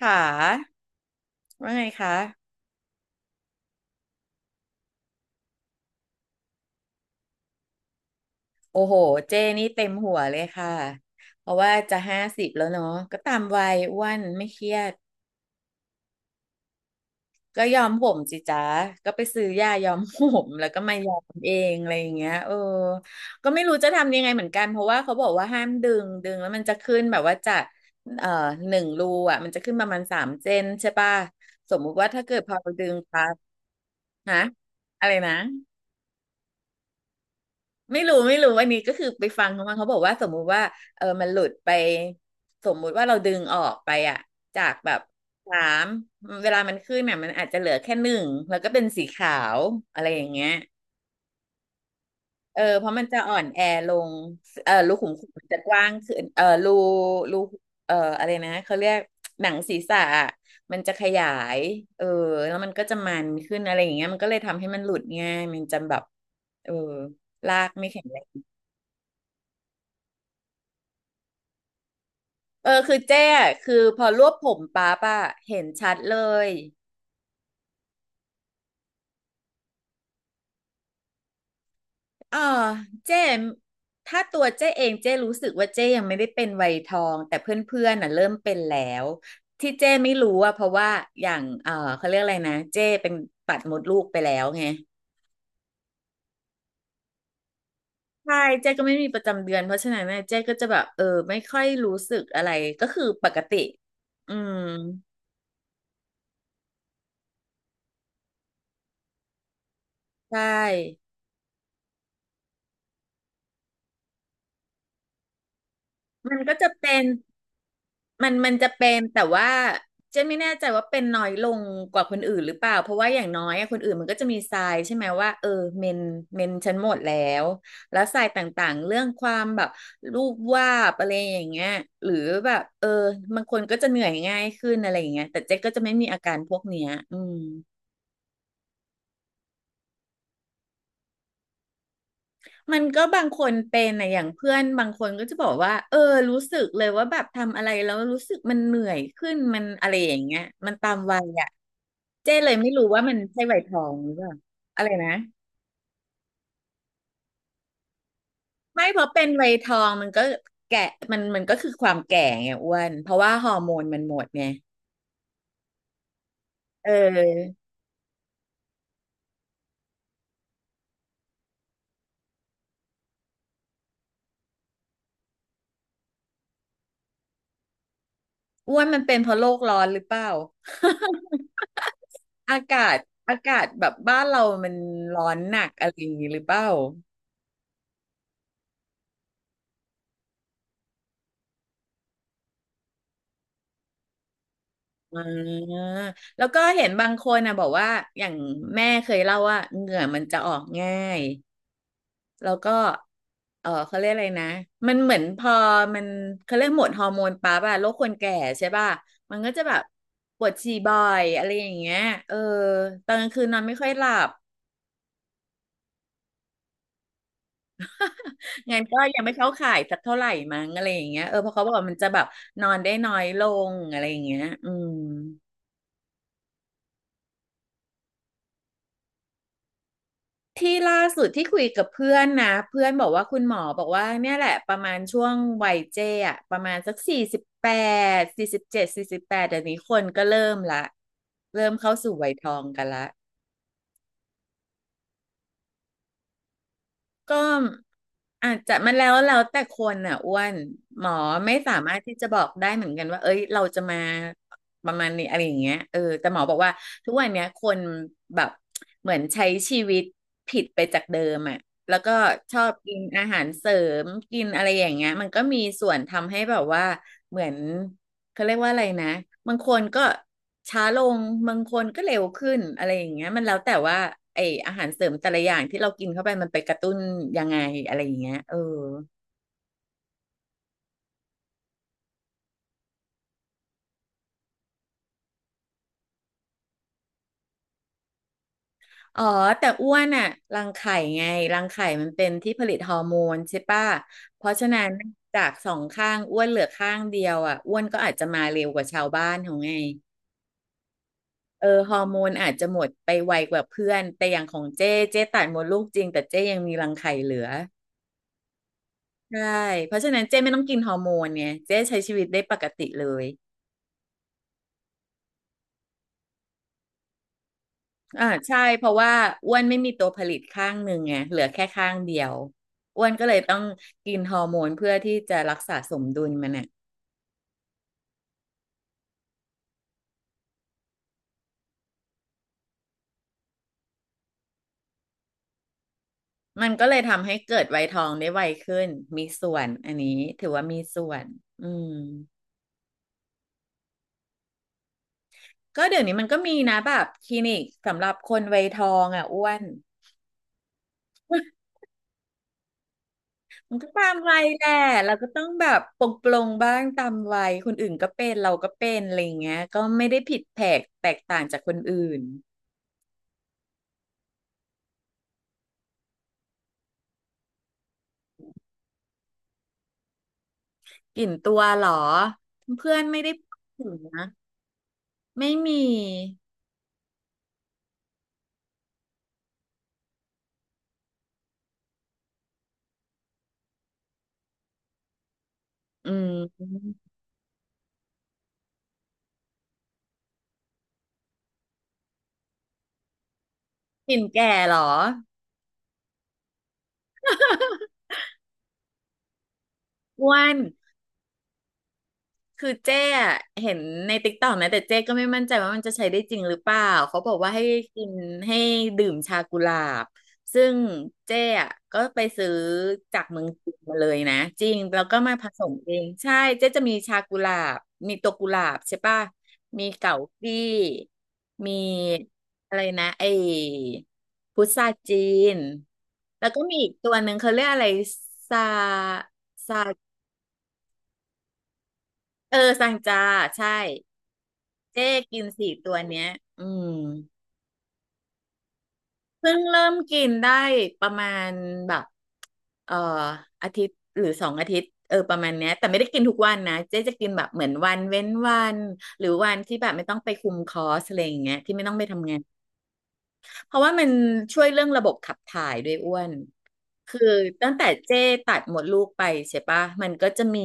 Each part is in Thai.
ค่ะว่าไงคะ โอ้โห เจ้นี่เต็มหัวเลยค่ะ เพราะว่าจะ50แล้วเนาะ ก็ตามวัยอ้วนไม่เครียดก็ยอมผมสิจ๊ะก็ไปซื้อยายอมผม แล้วก็มายอมเองอะไรอย่างเงี้ยก็ไม่รู้จะทำยังไงเหมือนกัน เพราะว่าเขาบอกว่าห้ามดึงดึงแล้วมันจะขึ้นแบบว่าจากเอ่อหนึ่งรูอ่ะมันจะขึ้นประมาณ3 เซนใช่ป่ะสมมุติว่าถ้าเกิดพอเราดึงปั๊บฮะอะไรนะ ไม่รู้อันนี้ก็คือไปฟังเขามาเขาบอกว่าสมมุติว่ามันหลุดไปสมมุติว่าเราดึงออกไปอะจากแบบสามเวลามันขึ้นเนี่ยมันอาจจะเหลือแค่หนึ่งแล้วก็เป็นสีขาวอะไรอย่างเงี้ยเพราะมันจะอ่อนแอลงรูขุมขนมันจะกว้างขึ้นรูอะไรนะเขาเรียกหนังศีรษะอะมันจะขยายเออแล้วมันก็จะมันขึ้นอะไรอย่างเงี้ยมันก็เลยทำให้มันหลุดง่ายมันจะแบบเออลากไม่แข็งแรง คือเจ๊อะคือพอรวบผมป๊าบอะเห็นชัดเลยอ่าเจ้ถ้าตัวเจ้เองเจ้รู้สึกว่าเจ้ยังไม่ได้เป็นวัยทองแต่เพื่อนๆน่ะเริ่มเป็นแล้วที่เจ้ไม่รู้อะเพราะว่าอย่างเขาเรียกอะไรนะเจ้เป็นตัดมดลูกไปแล้วไงใช่เจ้ก็ไม่มีประจำเดือนเพราะฉะนั้นเน่ยเจ๊ก็จะแบบไม่ค่อยรู้สึกอะไรก็คือปกติอืมใช่มันก็จะเป็น มันจะเป็นแต่ว่าเจนไม่แน่ใจว่าเป็นน้อยลงกว่าคนอื่นหรือเปล่าเพราะว่าอย่างน้อยอะคนอื่นมันก็จะมีทรายใช่ไหมว่าเมนเมนฉันหมดแล้วแล้วทรายต่างๆเรื่องความแบบรูปวาดอะไรอย่างเงี้ยหรือแบบบางคนก็จะเหนื่อยง่ายขึ้นอะไรอย่างเงี้ยแต่เจ๊ก็จะไม่มีอาการพวกเนี้ยอืม มันก็บางคนเป็นนะอย่างเพื่อนบางคนก็จะบอกว่ารู้สึกเลยว่าแบบทำอะไรแล้วรู้สึกมันเหนื่อยขึ้นมันอะไรอย่างเงี้ยมันตามวัยอ่ะเจ้เลยไม่รู้ว่ามันใช่วัยทองหรือเปล่าอะไรนะไม่เพราะเป็นวัยทองมันก็แก่มันก็คือความแก่ไงอ้วนเพราะว่าฮอร์โมนมันหมดไงเอออ้วนมันเป็นเพราะโลกร้อนหรือเปล่า อากาศอากาศแบบบ้านเรามันร้อนหนักอะไรอย่างงี้หรือเปล่า อ่าแล้วก็เห็นบางคนนะบอกว่าอย่างแม่เคยเล่าว่าเหงื่อมันจะออกง่ายแล้วก็เขาเรียกอะไรนะมันเหมือนพอมันเขาเรียกหมดฮอร์โมนปั๊บอะโรคคนแก่ใช่ป่ะมันก็จะแบบปวดฉี่บ่อยอะไรอย่างเงี้ยเออตอนกลางคืนนอนไม่ค่อยหลับงานก็ยังไม่เข้าข่ายสักเท่าไหร่มั้งอะไรอย่างเงี้ยเพราะเขาบอกว่ามันจะแบบนอนได้น้อยลงอะไรอย่างเงี้ยอืม ที่ล่าสุดที่คุยกับเพื่อนนะเพื่อนบอกว่าคุณหมอบอกว่าเนี่ยแหละประมาณช่วงวัยเจ้อะประมาณสักสี่สิบแปด47สี่สิบแปดเดี๋ยวนี้คนก็เริ่มละเริ่มเข้าสู่วัยทองกันละ ก็อาจจะมันแล้วแต่คนอ่ะอ้วนหมอไม่สามารถที่จะบอกได้เหมือนกันว่าเอ้ยเราจะมาประมาณนี้อะไรอย่างเงี้ยแต่หมอบอกว่าทุกวันเนี้ยคนแบบเหมือนใช้ชีวิตผิดไปจากเดิมอ่ะแล้วก็ชอบกินอาหารเสริมกินอะไรอย่างเงี้ยมันก็มีส่วนทำให้แบบว่าเหมือน เขาเรียกว่าอะไรนะบางคนก็ช้าลงบางคนก็เร็วขึ้นอะไรอย่างเงี้ยมันแล้วแต่ว่าไออาหารเสริมแต่ละอย่างที่เรากินเข้าไปมันไปกระตุ้นยังไงอะไรอย่างเงี้ยอ๋อแต่อ้วนอะรังไข่ไงรังไข่มันเป็นที่ผลิตฮอร์โมนใช่ปะเพราะฉะนั้นจากสองข้างอ้วนเหลือข้างเดียวอะอ้วนก็อาจจะมาเร็วกว่าชาวบ้านของไงฮอร์โมนอาจจะหมดไปไวกว่าเพื่อนแต่อย่างของเจ้เจ้ตัดมดลูกจริงแต่เจ้ยังมีรังไข่เหลือ ใช่เพราะฉะนั้นเจ๊ไม่ต้องกินฮอร์โมนไงเจ๊ใช้ชีวิตได้ปกติเลยใช่เพราะว่าอ้วนไม่มีตัวผลิตข้างหนึ่งไงเหลือแค่ข้างเดียวอ้วนก็เลยต้องกินฮอร์โมนเพื่อที่จะรักษาสมดุลมันน่ะก็เลยทำให้เกิดวัยทองได้ไวขึ้นมีส่วนอันนี้ถือว่ามีส่วนอืมก็เดี๋ยวนี้มันก็มีนะแบบคลินิกสำหรับคนวัยทองอ่ะอ้วน มันก็ตามวัยแหละเราก็ต้องแบบปลงปลงบ้างตามวัยคนอื่นก็เป็นเราก็เป็นอะไรอย่างเงี้ยก็ไม่ได้ผิดแผกแตกต่างจากคนอื่นกลิ่นตัวเหรอเพื่อนไม่ได้พูดถึงนะไม่มีอืมกลิ่นแก่เหรออ้วน คือเจ๊อะเห็นในติ๊กต็อกนะแต่เจ๊ก็ไม่มั่นใจว่ามันจะใช้ได้จริงหรือเปล่าเขาบอกว่าให้กินให้ดื่มชากุหลาบซึ่งเจ๊อะก็ไปซื้อจากเมืองจีนมาเลยนะจริงแล้วก็มาผสมเองใช่เจ๊จะมีชากุหลาบมีตัวกุหลาบใช่ป่ะมีเก๋ากี้มีอะไรนะไอ้พุทราจีนแล้วก็มีอีกตัวหนึ่งเขาเรียกอะไรซาซาเออซังจาใช่ เจ๊กินสี่ตัวเนี้ยอืมเพิ่งเริ่มกินได้ประมาณแบบเอ่ออาทิตย์หรือ2 อาทิตย์เออประมาณเนี้ยแต่ไม่ได้กินทุกวันนะเจ๊จะกินแบบเหมือนวันเว้นวันหรือวันที่แบบไม่ต้องไปคุมคอร์สอะไรอย่างเงี้ยที่ไม่ต้องไปทำงานเพราะว่ามันช่วยเรื่องระบบขับถ่ายด้วยอ้วนคือตั้งแต่เจ๊ตัดหมดลูกไปใช่ปะมันก็จะมี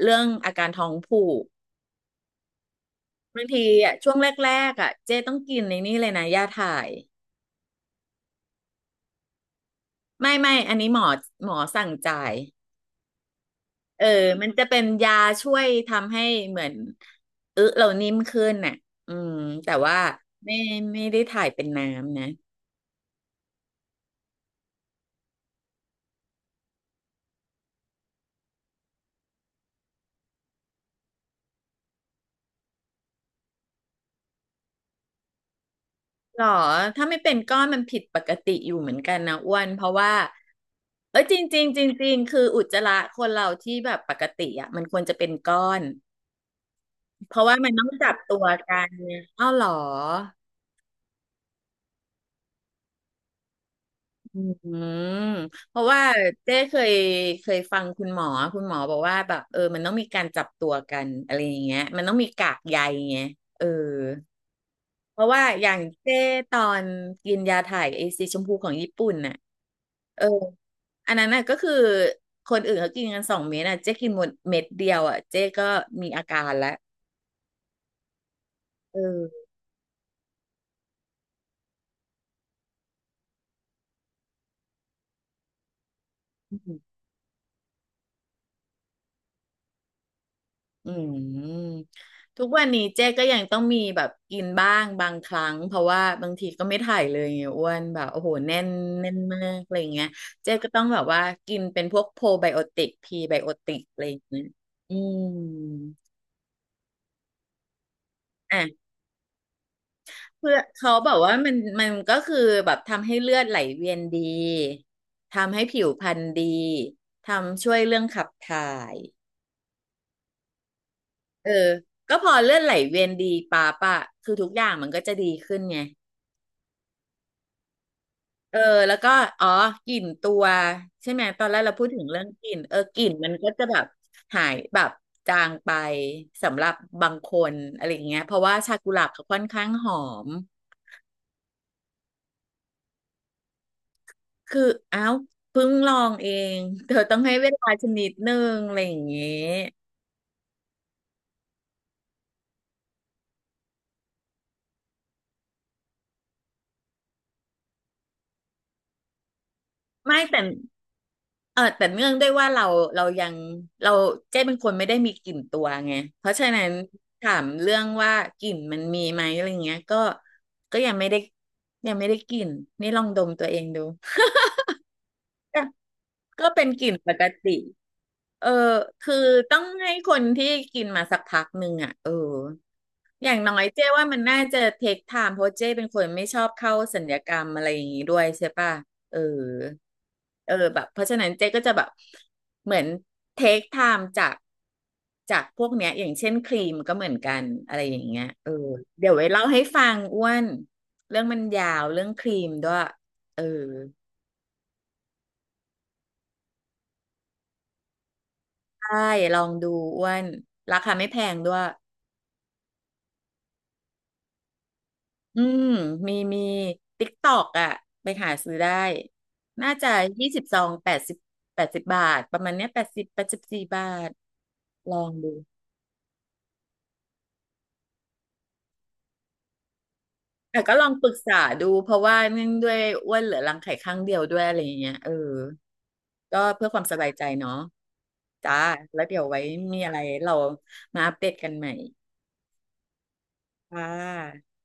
เรื่องอาการท้องผูกบางทีอ่ะช่วงแรกๆอ่ะเจ๊ต้องกินในนี่เลยนะยาถ่าย ไม่อันนี้หมอสั่งจ่ายเออมันจะเป็นยาช่วยทำให้เหมือนอึเรานิ่มขึ้นน่ะอืมแต่ว่าไม่ไม่ได้ถ่ายเป็นน้ำนะหรอถ้าไม่เป็นก้อนมันผิดปกติอยู่เหมือนกันนะอ้วนเพราะว่าเออจริงจริงจริงจริงคืออุจจาระคนเราที่แบบปกติอ่ะมันควรจะเป็นก้อนเพราะว่ามันต้องจับตัวกันเนี่ยอ้าวหรอ อืมเพราะว่าเจ๊เคยฟังคุณหมอบอกว่าแบบเออมันต้องมีการจับตัวกันอะไรอย่างเงี้ยมันต้องมีกากใยไงเออเพราะว่าอย่างเจ๊ตอนกินยาถ่ายไอซีชมพูของญี่ปุ่นน่ะเอออันนั้นน่ะก็คือคนอื่นเขากินกัน2 เม็ดน่ะเจ๊กินหมดเม็ดเดียวอ่ะเจ๊ก็มีอาการแล้วเออ อืมทุกวันนี้เจ๊ก็ยังต้องมีแบบกินบ้างบางครั้งเพราะว่าบางทีก็ไม่ถ่ายเลยไงอ้วนแบบโอ้โหแน่นแน่นมากอะไรเงี้ยเจ๊ก็ต้องแบบว่ากินเป็นพวกโพไบโอติกพรีไบโอติกอะไรอย่างเงี้ยอืมอ่ะเพื่อเขาบอกว่ามันก็คือแบบทำให้เลือดไหลเวียนดีทำให้ผิวพรรณดีทำช่วยเรื่องขับถ่ายเออก็พอเลือดไหลเวียนดีปั๊บอะคือทุกอย่างมันก็จะดีขึ้นไง เออแล้วก็อ๋อกลิ่นตัวใช่ไหมตอนแรกเราพูดถึงเรื่องกลิ่นเออกลิ่นมันก็จะแบบหายแบบจางไปสำหรับบางคนอะไรอย่างเงี้ยเพราะว่าชากุหลาบเขาค่อนข้างหอมคืออ้าวเพิ่งลองเอง เธอต้องให้เวลาชนิดนึงอะไรอย่างเงี้ยไม่แต่ เออแต่เนื่องด้วยว่าเรายังเราเจ้เป็นคนไม่ได้มีกลิ่นตัวไงเพราะฉะนั้นถามเรื่องว่ากลิ่นมันมีไหมอะไรเงี้ยก็ยังไม่ได้กลิ่นนี่ลองดมตัวเองดูก็เป็นกลิ่นปกติเออคือต้องให้คนที่กินมาสักพักหนึ่งอ่ะเออ อย่างน้อยเจ้ว่ามันน่าจะเทคไทม์เพราะเจ้เป็นคนไม่ชอบเข้าศัลยกรรมอะไรอย่างนี้ด้วยใช่ป่ะเออเออแบบเพราะฉะนั้นเจ๊ก็จะแบบเหมือนเทคไทม์จากพวกเนี้ยอย่างเช่นครีมก็เหมือนกันอะไรอย่างเงี้ยเออเดี๋ยวไว้เล่าให้ฟังอ้วนเรื่องมันยาวเรื่องครีมด้วยเออได้ลองดูอ้วนราคาไม่แพงด้วย อืมมีติ๊กตอกอ่ะไปหาซื้อได้น่าจะ20 ซองแปดสิบ80 บาทประมาณเนี้ยแปดสิบ84 บาทลองดูแต่ก็ลองปรึกษาดูเพราะว่าเนื่องด้วยอ้วนเหลือรังไข่ข้างเดียวด้วยอะไรอย่างเงี้ยเออก็เพื่อความสบายใจเนาะจ้าแล้วเดี๋ยวไว้มีอะไรเรามาอัปเดตกันใหม่ค่ะ